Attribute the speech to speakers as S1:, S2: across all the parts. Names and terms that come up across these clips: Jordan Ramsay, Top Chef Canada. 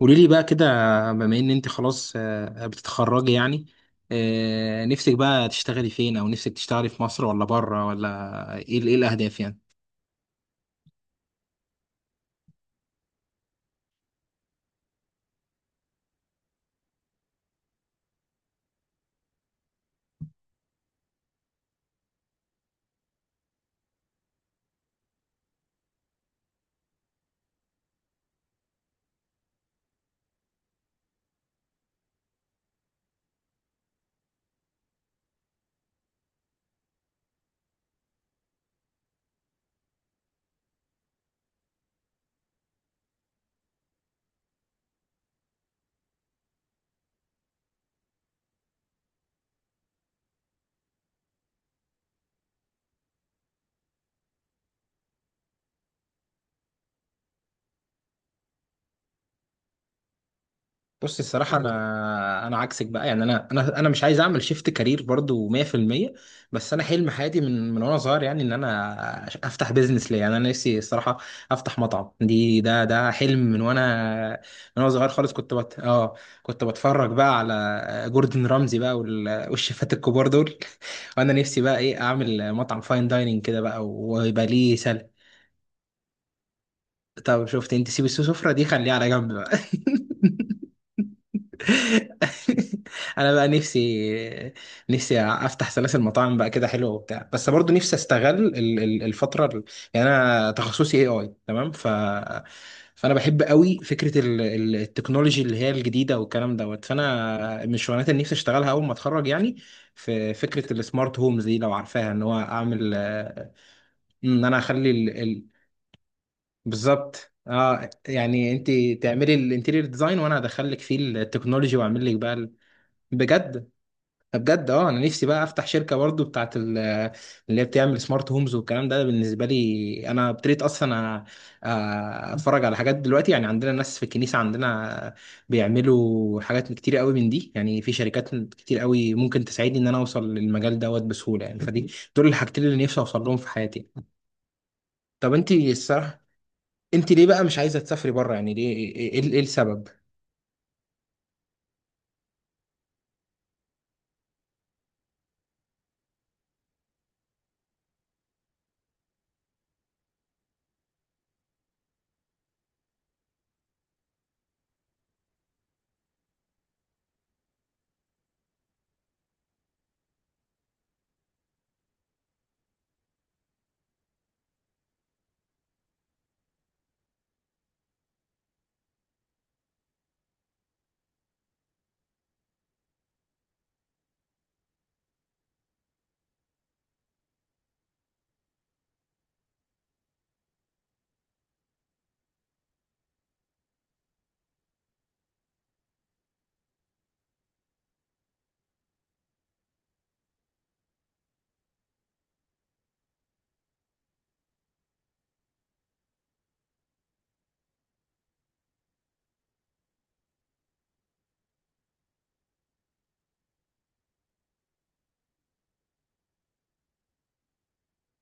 S1: قولي لي بقى كده بما ان انت خلاص بتتخرجي يعني. نفسك بقى تشتغلي فين او نفسك تشتغلي في مصر ولا بره ولا ايه ايه الاهداف يعني؟ بصي الصراحة أنا عكسك بقى يعني أنا مش عايز أعمل شيفت كارير برضو 100%. بس أنا حلم حياتي من وأنا صغير يعني إن أفتح بيزنس ليا، يعني أنا نفسي الصراحة أفتح مطعم. دي ده ده حلم من وأنا من وأنا صغير خالص. كنت بت... آه كنت بتفرج بقى على جوردن رامزي بقى والشيفات الكبار دول، وأنا نفسي بقى إيه أعمل مطعم فاين دايننج كده بقى ويبقى ليه سلة. طب شفت أنت؟ سيب السفرة دي خليها على جنب بقى. انا بقى نفسي افتح سلاسل مطاعم بقى كده حلوه وبتاع، بس برضو نفسي استغل الفتره يعني انا تخصصي اي تمام. فانا بحب قوي فكره التكنولوجي اللي هي الجديده والكلام دوت. فانا من الشغلانات اللي نفسي اشتغلها اول ما اتخرج يعني في فكره السمارت هومز دي، لو عارفاها ان هو اعمل ان انا اخلي بالظبط. اه، يعني انت تعملي الانتيريور ديزاين وانا هدخلك فيه التكنولوجي واعمل لك بقى. بجد، بجد اه انا نفسي بقى افتح شركه برضو بتاعت اللي هي بتعمل سمارت هومز والكلام ده. بالنسبه لي انا ابتديت اصلا أ- اتفرج على حاجات دلوقتي، يعني عندنا ناس في الكنيسه عندنا بيعملوا حاجات كتير قوي من دي. يعني في شركات كتير قوي ممكن تساعدني ان انا اوصل للمجال دوت بسهوله، يعني فدي دول الحاجتين اللي نفسي اوصل لهم في حياتي. طب انت الصراحه انت ليه بقى مش عايزه تسافري بره؟ يعني ليه، ايه إيه السبب؟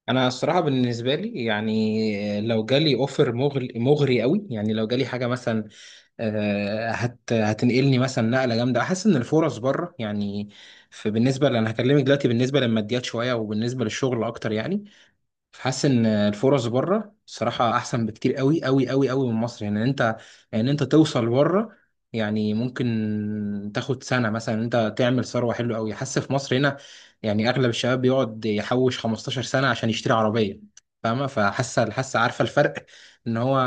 S1: انا الصراحه بالنسبه لي يعني لو جالي اوفر مغري، مغري قوي، يعني لو جالي حاجه مثلا هتنقلني مثلا نقله جامده، احس ان الفرص بره يعني في. بالنسبه انا هكلمك دلوقتي بالنسبه للماديات شويه وبالنسبه للشغل اكتر يعني. حاسس ان الفرص بره الصراحه احسن بكتير قوي قوي قوي قوي من مصر. يعني انت، يعني انت توصل بره، يعني ممكن تاخد سنه مثلا انت تعمل ثروه حلوه قوي. حاسس في مصر هنا يعني اغلب الشباب بيقعد يحوش 15 سنة سنه عشان يشتري عربيه، فاهمه؟ حاسه عارفه الفرق ان هو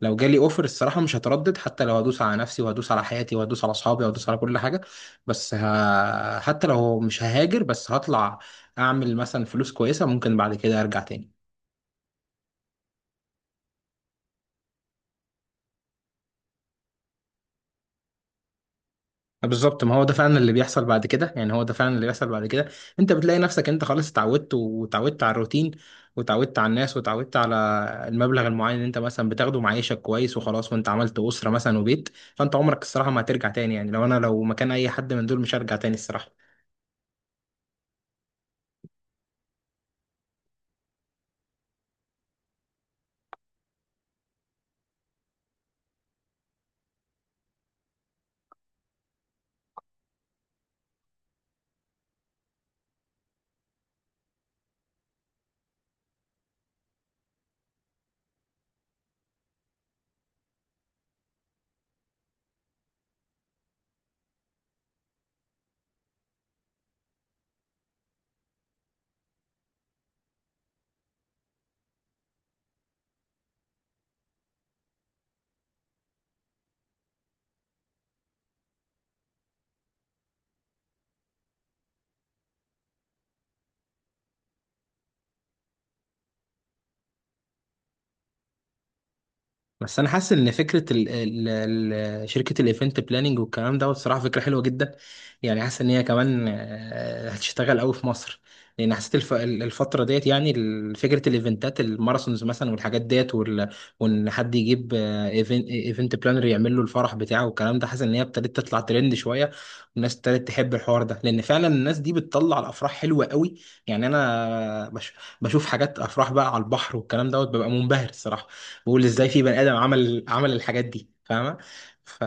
S1: لو جالي اوفر الصراحه مش هتردد، حتى لو هدوس على نفسي وهدوس على حياتي وهدوس على اصحابي وهدوس على كل حاجه. بس حتى لو مش ههاجر، بس هطلع اعمل مثلا فلوس كويسه ممكن بعد كده ارجع تاني. بالظبط، ما هو ده فعلا اللي بيحصل بعد كده، يعني هو ده فعلا اللي بيحصل بعد كده. انت بتلاقي نفسك انت خلاص اتعودت وتعودت على الروتين وتعودت على الناس وتعودت على المبلغ المعين اللي انت مثلا بتاخده، معيشك كويس وخلاص، وانت عملت اسره مثلا وبيت. فانت عمرك الصراحه ما هترجع تاني، يعني لو انا لو مكان اي حد من دول مش هرجع تاني الصراحه. بس انا حاسس ان فكره ال شركه الايفنت بلاننج والكلام ده الصراحه فكره حلوه جدا. يعني حاسس ان هي كمان هتشتغل قوي في مصر، لان حسيت الف الفتره ديت، يعني فكره الايفنتات الماراثونز مثلا والحاجات ديت وان حد يجيب ايفنت بلانر يعمل له الفرح بتاعه والكلام ده. حاسس ان هي ابتدت تطلع ترند شويه والناس ابتدت تحب الحوار ده، لان فعلا الناس دي بتطلع الافراح حلوه قوي. يعني بشوف حاجات افراح بقى على البحر والكلام دوت، ببقى منبهر الصراحه. بقول ازاي في بني ادم عمل الحاجات دي، فاهمه؟ ف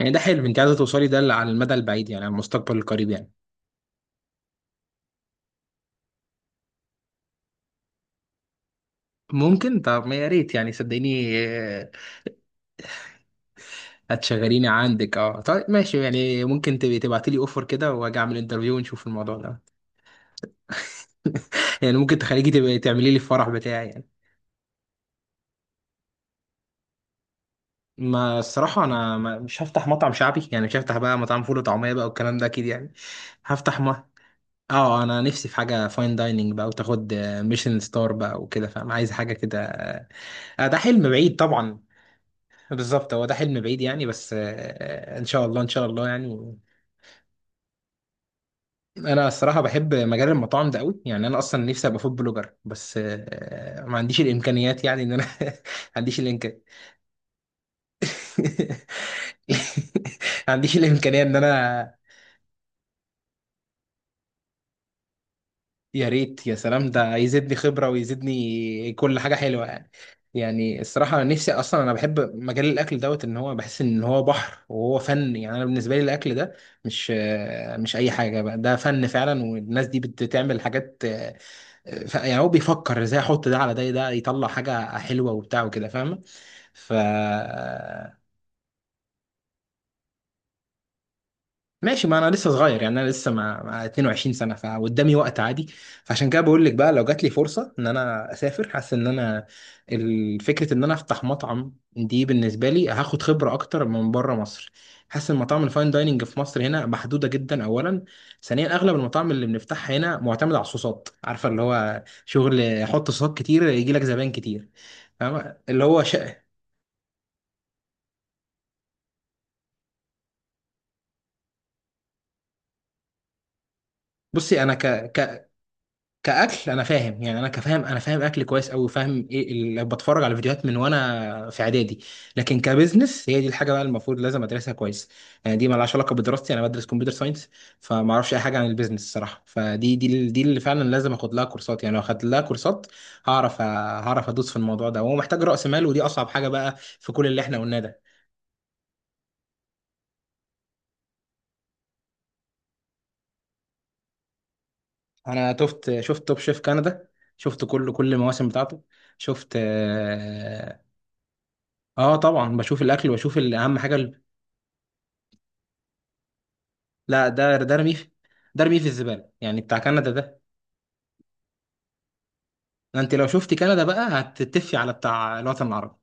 S1: يعني ده حلو. انت عايزه توصلي ده على المدى البعيد، يعني على المستقبل القريب يعني؟ ممكن. طب ما يا ريت يعني، صدقيني هتشغليني عندك؟ اه طيب ماشي، يعني ممكن تبقي تبعتي لي اوفر كده واجي اعمل انترفيو ونشوف الموضوع ده. يعني ممكن تخليكي تبقي تعملي لي الفرح بتاعي يعني. ما الصراحة أنا مش هفتح مطعم شعبي، يعني مش هفتح بقى مطعم فول وطعمية بقى والكلام ده أكيد يعني. هفتح م... اه، انا نفسي في حاجه فاين دايننج بقى وتاخد ميشن ستار بقى وكده، فاهم؟ عايز حاجه كده. ده حلم بعيد طبعا. بالظبط، هو ده حلم بعيد يعني، بس ان شاء الله، ان شاء الله يعني. انا الصراحه بحب مجال المطاعم ده قوي، يعني انا اصلا نفسي ابقى فود بلوجر، بس ما عنديش الامكانيات، يعني ان انا ما عنديش الامكان ما عنديش الامكانيه ان انا. يا ريت، يا سلام، ده يزيدني خبرة ويزيدني كل حاجة حلوة يعني. يعني الصراحة أنا نفسي أصلا أنا بحب مجال الأكل دوت، إن هو بحس إن هو بحر، وهو فن يعني. أنا بالنسبة لي الأكل ده مش مش أي حاجة بقى، ده فن فعلا، والناس دي بتعمل حاجات يعني هو بيفكر إزاي أحط ده على ده، ده يطلع حاجة حلوة وبتاع وكده، فاهمة؟ ف ماشي، ما انا لسه صغير يعني، انا لسه مع 22 سنة سنه، فقدامي وقت عادي. فعشان كده بقول لك بقى لو جات لي فرصه ان انا اسافر، حاسس ان انا فكره ان انا افتح مطعم دي بالنسبه لي هاخد خبره اكتر من بره مصر. حاسس ان مطاعم الفاين دايننج في مصر هنا محدوده جدا اولا. ثانيا، اغلب المطاعم اللي بنفتحها هنا معتمد على الصوصات، عارفه؟ اللي هو شغل حط صوصات كتير يجي لك زباين كتير، فاهمة؟ بصي انا ك... كأكل أنا فاهم، يعني أنا أنا فاهم أكل كويس أوي، وفاهم إيه اللي بتفرج على فيديوهات من وأنا في إعدادي. لكن كبزنس هي دي الحاجة بقى المفروض لازم أدرسها كويس. يعني دي مالهاش علاقة بدراستي، أنا بدرس كمبيوتر ساينس، فما أعرفش أي حاجة عن البيزنس الصراحة. فدي، دي دي اللي فعلا لازم آخد لها كورسات، يعني لو أخدت لها كورسات هعرف هعرف أدوس في الموضوع ده. وهو محتاج رأس مال، ودي أصعب حاجة بقى في كل اللي إحنا قلناه ده. أنا شفت توب شيف كندا، شفت كل المواسم بتاعته، شفت آه. آه طبعا بشوف الاكل واشوف اهم حاجه. لا، ده رميه ده رميه في الزباله يعني، بتاع كندا ده. انت لو شفت كندا بقى هتتفي على بتاع الوطن العربي.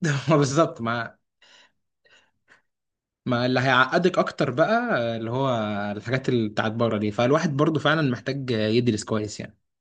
S1: ما بالظبط ما ما اللي هيعقدك اكتر بقى اللي هو الحاجات اللي بتاعت بره دي، فالواحد برضو فعلا محتاج يدرس كويس يعني.